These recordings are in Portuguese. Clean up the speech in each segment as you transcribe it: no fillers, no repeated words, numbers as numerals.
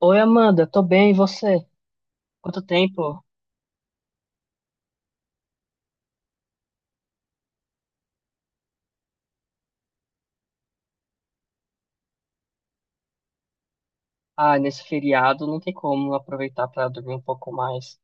Oi, Amanda, tô bem, e você? Quanto tempo? Ah, nesse feriado não tem como aproveitar pra dormir um pouco mais.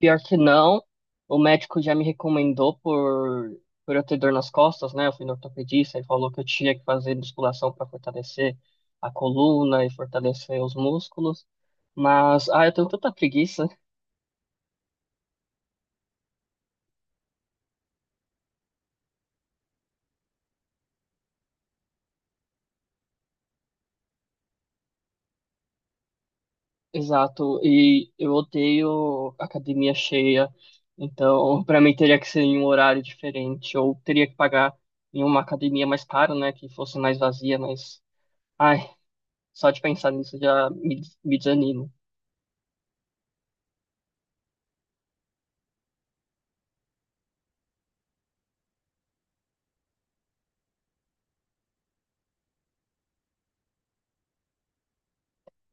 Pior que não, o médico já me recomendou por eu ter dor nas costas, né? Eu fui no ortopedista e falou que eu tinha que fazer musculação pra fortalecer a coluna e fortalecer os músculos. Mas, eu tenho tanta preguiça. Exato, e eu odeio academia cheia, então para mim teria que ser em um horário diferente, ou teria que pagar em uma academia mais cara, né, que fosse mais vazia, mas, ai, só de pensar nisso já me desanimo.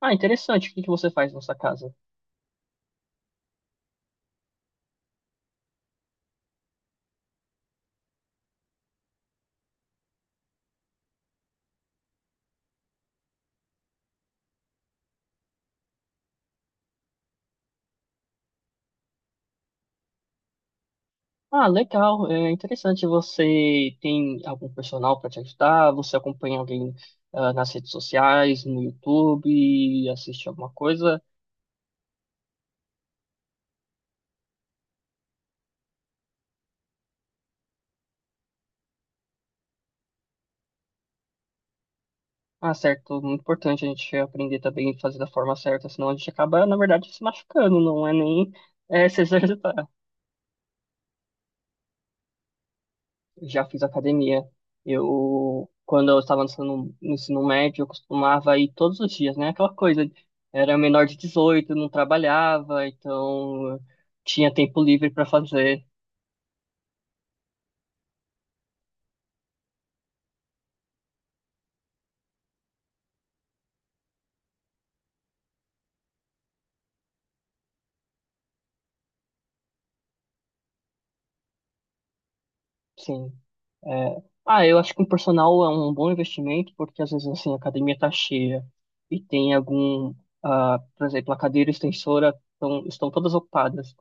Ah, interessante, o que que você faz na sua casa? Ah, legal, é interessante, você tem algum personal para te ajudar, você acompanha alguém nas redes sociais, no YouTube, assiste alguma coisa? Ah, certo. Muito importante a gente aprender também a fazer da forma certa, senão a gente acaba, na verdade, se machucando, não é nem se exercitar. Já fiz academia. Eu, quando eu estava no ensino médio, eu costumava ir todos os dias, né? Aquela coisa, era menor de 18, não trabalhava, então tinha tempo livre para fazer. Sim. Eu acho que um personal é um bom investimento, porque às vezes assim, a academia tá cheia e tem algum, por exemplo, a cadeira extensora estão todas ocupadas.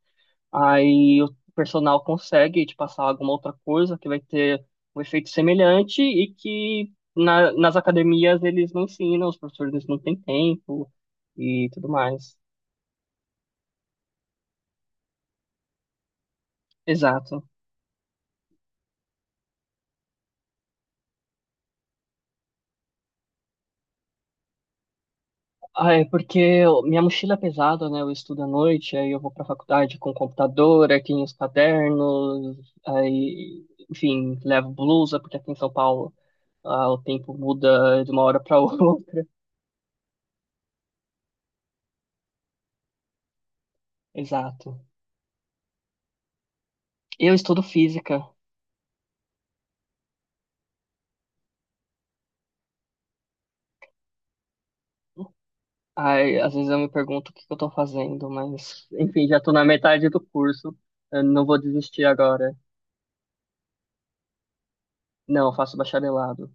Aí o personal consegue te passar alguma outra coisa que vai ter um efeito semelhante e que nas academias eles não ensinam, os professores não têm tempo e tudo mais. Exato. Ah, é porque minha mochila é pesada, né? Eu estudo à noite, aí eu vou pra faculdade com computador, aí tem os cadernos, aí, enfim, levo blusa, porque aqui em São Paulo, o tempo muda de uma hora pra outra. Exato. Eu estudo física, aí às vezes eu me pergunto o que que eu tô fazendo, mas, enfim, já tô na metade do curso, eu não vou desistir agora. Não, eu faço bacharelado.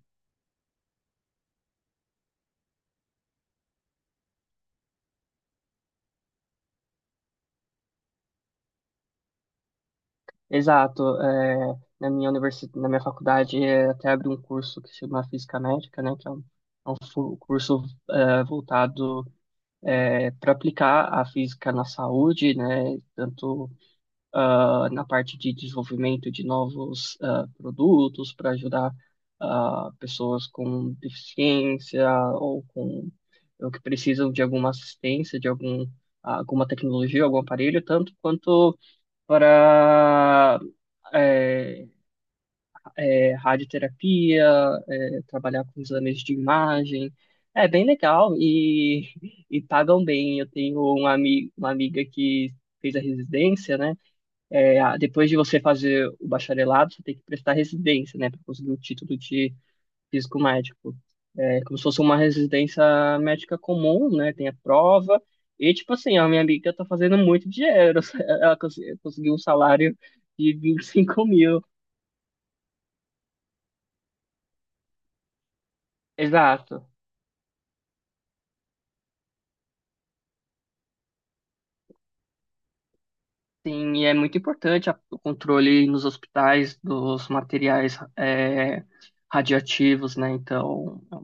Exato. Na minha universidade, até abri um curso que se chama Física Médica, né, que é um curso voltado para aplicar a física na saúde, né, tanto na parte de desenvolvimento de novos produtos para ajudar pessoas com deficiência ou com ou que precisam de alguma assistência, de alguma tecnologia, algum aparelho, tanto quanto para é, radioterapia, trabalhar com exames de imagem. É bem legal e pagam bem. Eu tenho uma amiga que fez a residência, né? Depois de você fazer o bacharelado, você tem que prestar residência, né? Para conseguir o título de físico médico. É como se fosse uma residência médica comum, né? Tem a prova. E, tipo assim, a minha amiga tá fazendo muito dinheiro. Ela conseguiu um salário de 25 mil. Exato. Sim, e é muito importante o controle nos hospitais dos materiais radioativos, né? Então, é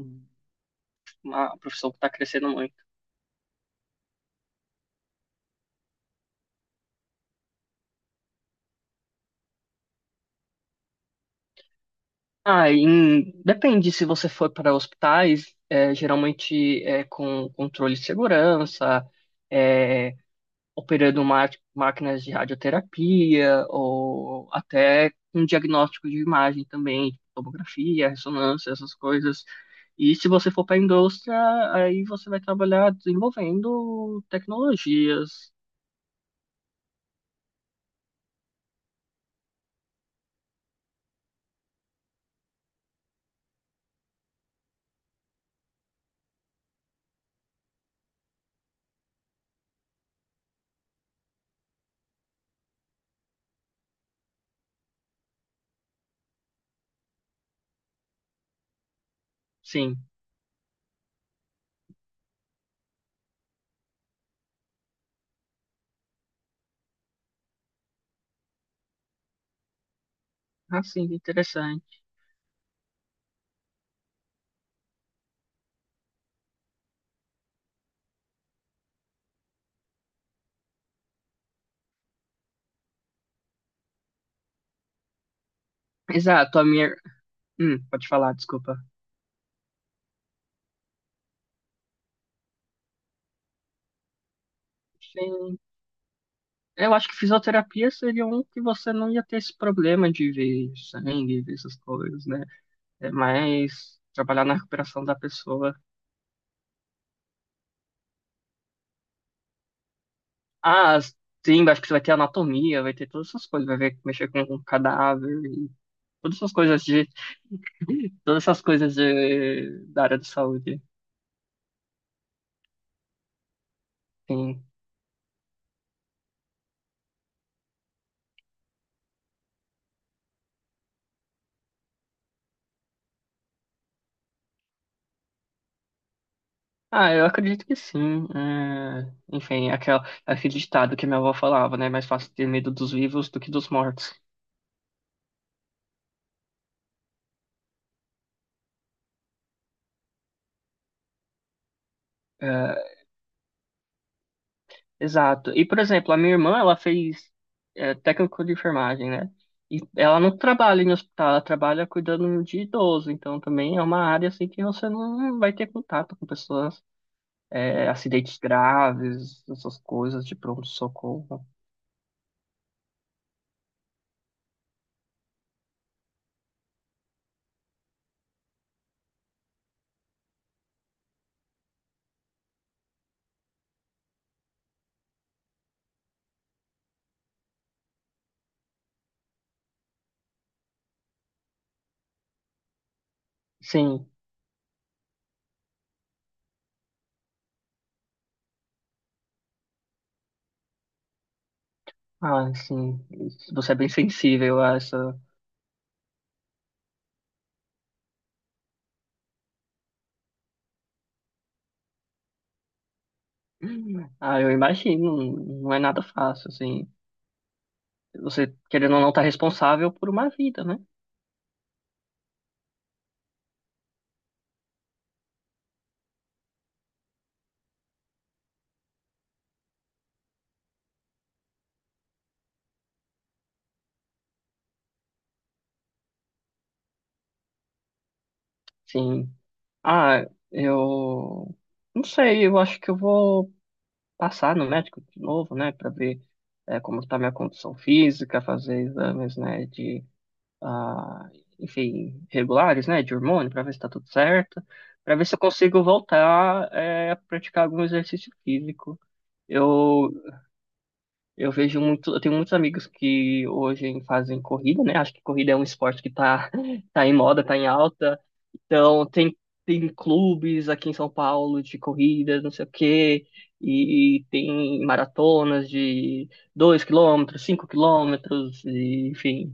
uma profissão que está crescendo muito. Ah, depende se você for para hospitais, geralmente é com controle de segurança, é, operando máquinas de radioterapia ou até um diagnóstico de imagem também, tipo tomografia, ressonância, essas coisas. E se você for para a indústria, aí você vai trabalhar desenvolvendo tecnologias. Sim. Ah, sim, interessante. Exato, a minha. Pode falar, desculpa. Eu acho que fisioterapia seria um que você não ia ter esse problema de ver sangue, ver essas coisas, né? É mais trabalhar na recuperação da pessoa. Ah, sim, acho que você vai ter anatomia, vai ter todas essas coisas, vai ver mexer com um cadáver e todas essas coisas de todas essas coisas de, da área de saúde. Sim. Ah, eu acredito que sim. É, enfim, aquele ditado que minha avó falava, né? Mais fácil ter medo dos vivos do que dos mortos. É, Exato. E, por exemplo, a minha irmã, ela fez técnico de enfermagem, né? E ela não trabalha em hospital, ela trabalha cuidando de idoso. Então, também é uma área, assim, que você não vai ter contato com pessoas, acidentes graves, essas coisas de pronto-socorro. Sim. Ah, sim. Você é bem sensível a essa... Ah, eu imagino. Não é nada fácil, assim. Você, querendo ou não, tá responsável por uma vida, né? Sim. Ah, eu não sei, eu acho que eu vou passar no médico de novo, né, para ver como está minha condição física, fazer exames, né, de, ah, enfim, regulares, né, de hormônio, para ver se está tudo certo, para ver se eu consigo voltar a praticar algum exercício físico. Eu eu vejo muito, eu tenho muitos amigos que hoje fazem corrida, né? Acho que corrida é um esporte que tá, tá em moda, tá em alta. Então, tem clubes aqui em São Paulo de corrida não sei o quê, e tem maratonas de 2 km, 5 km, e, enfim.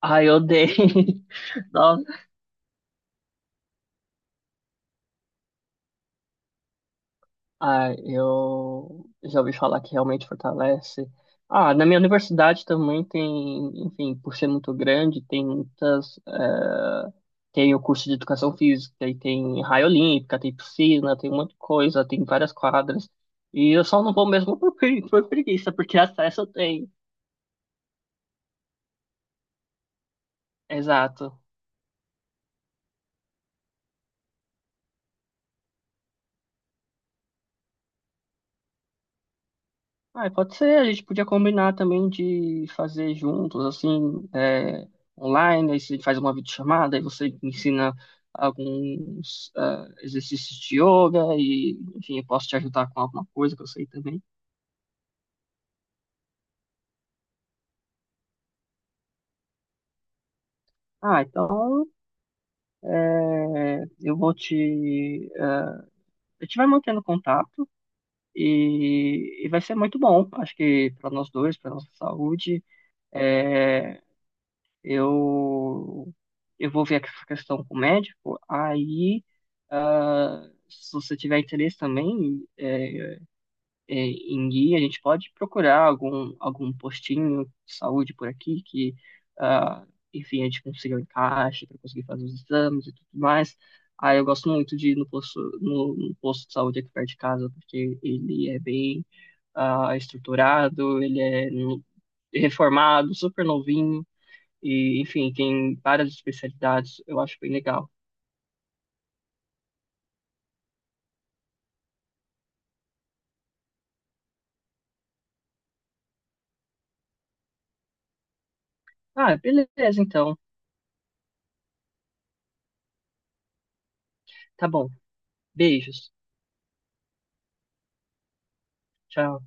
Ai, eu odeio. Nossa, ah, eu já ouvi falar que realmente fortalece. Ah, na minha universidade também tem, enfim, por ser muito grande, tem muitas. Tem o curso de educação física, e tem raia olímpica, tem piscina, tem um monte de coisa, tem várias quadras. E eu só não vou mesmo por preguiça, porque acesso eu tenho. Exato. Ah, pode ser, a gente podia combinar também de fazer juntos, assim, online, aí você faz uma videochamada, aí você me ensina alguns exercícios de yoga e, enfim, eu posso te ajudar com alguma coisa que eu sei também. Ah, então, é, eu vou te... ah, a gente vai mantendo contato e vai ser muito bom, acho que para nós dois, para nossa saúde, é, eu, eu vou ver essa questão com o médico, aí, se você tiver interesse também em guia, a gente pode procurar algum postinho de saúde por aqui que, ah, enfim, a gente consiga um encaixe para conseguir fazer os exames e tudo mais. Aí eu gosto muito de ir no posto de saúde aqui perto de casa, porque ele é bem estruturado, ele é reformado, super novinho. E, enfim, tem várias especialidades. Eu acho bem legal. Ah, beleza, então. Tá bom. Beijos. Tchau.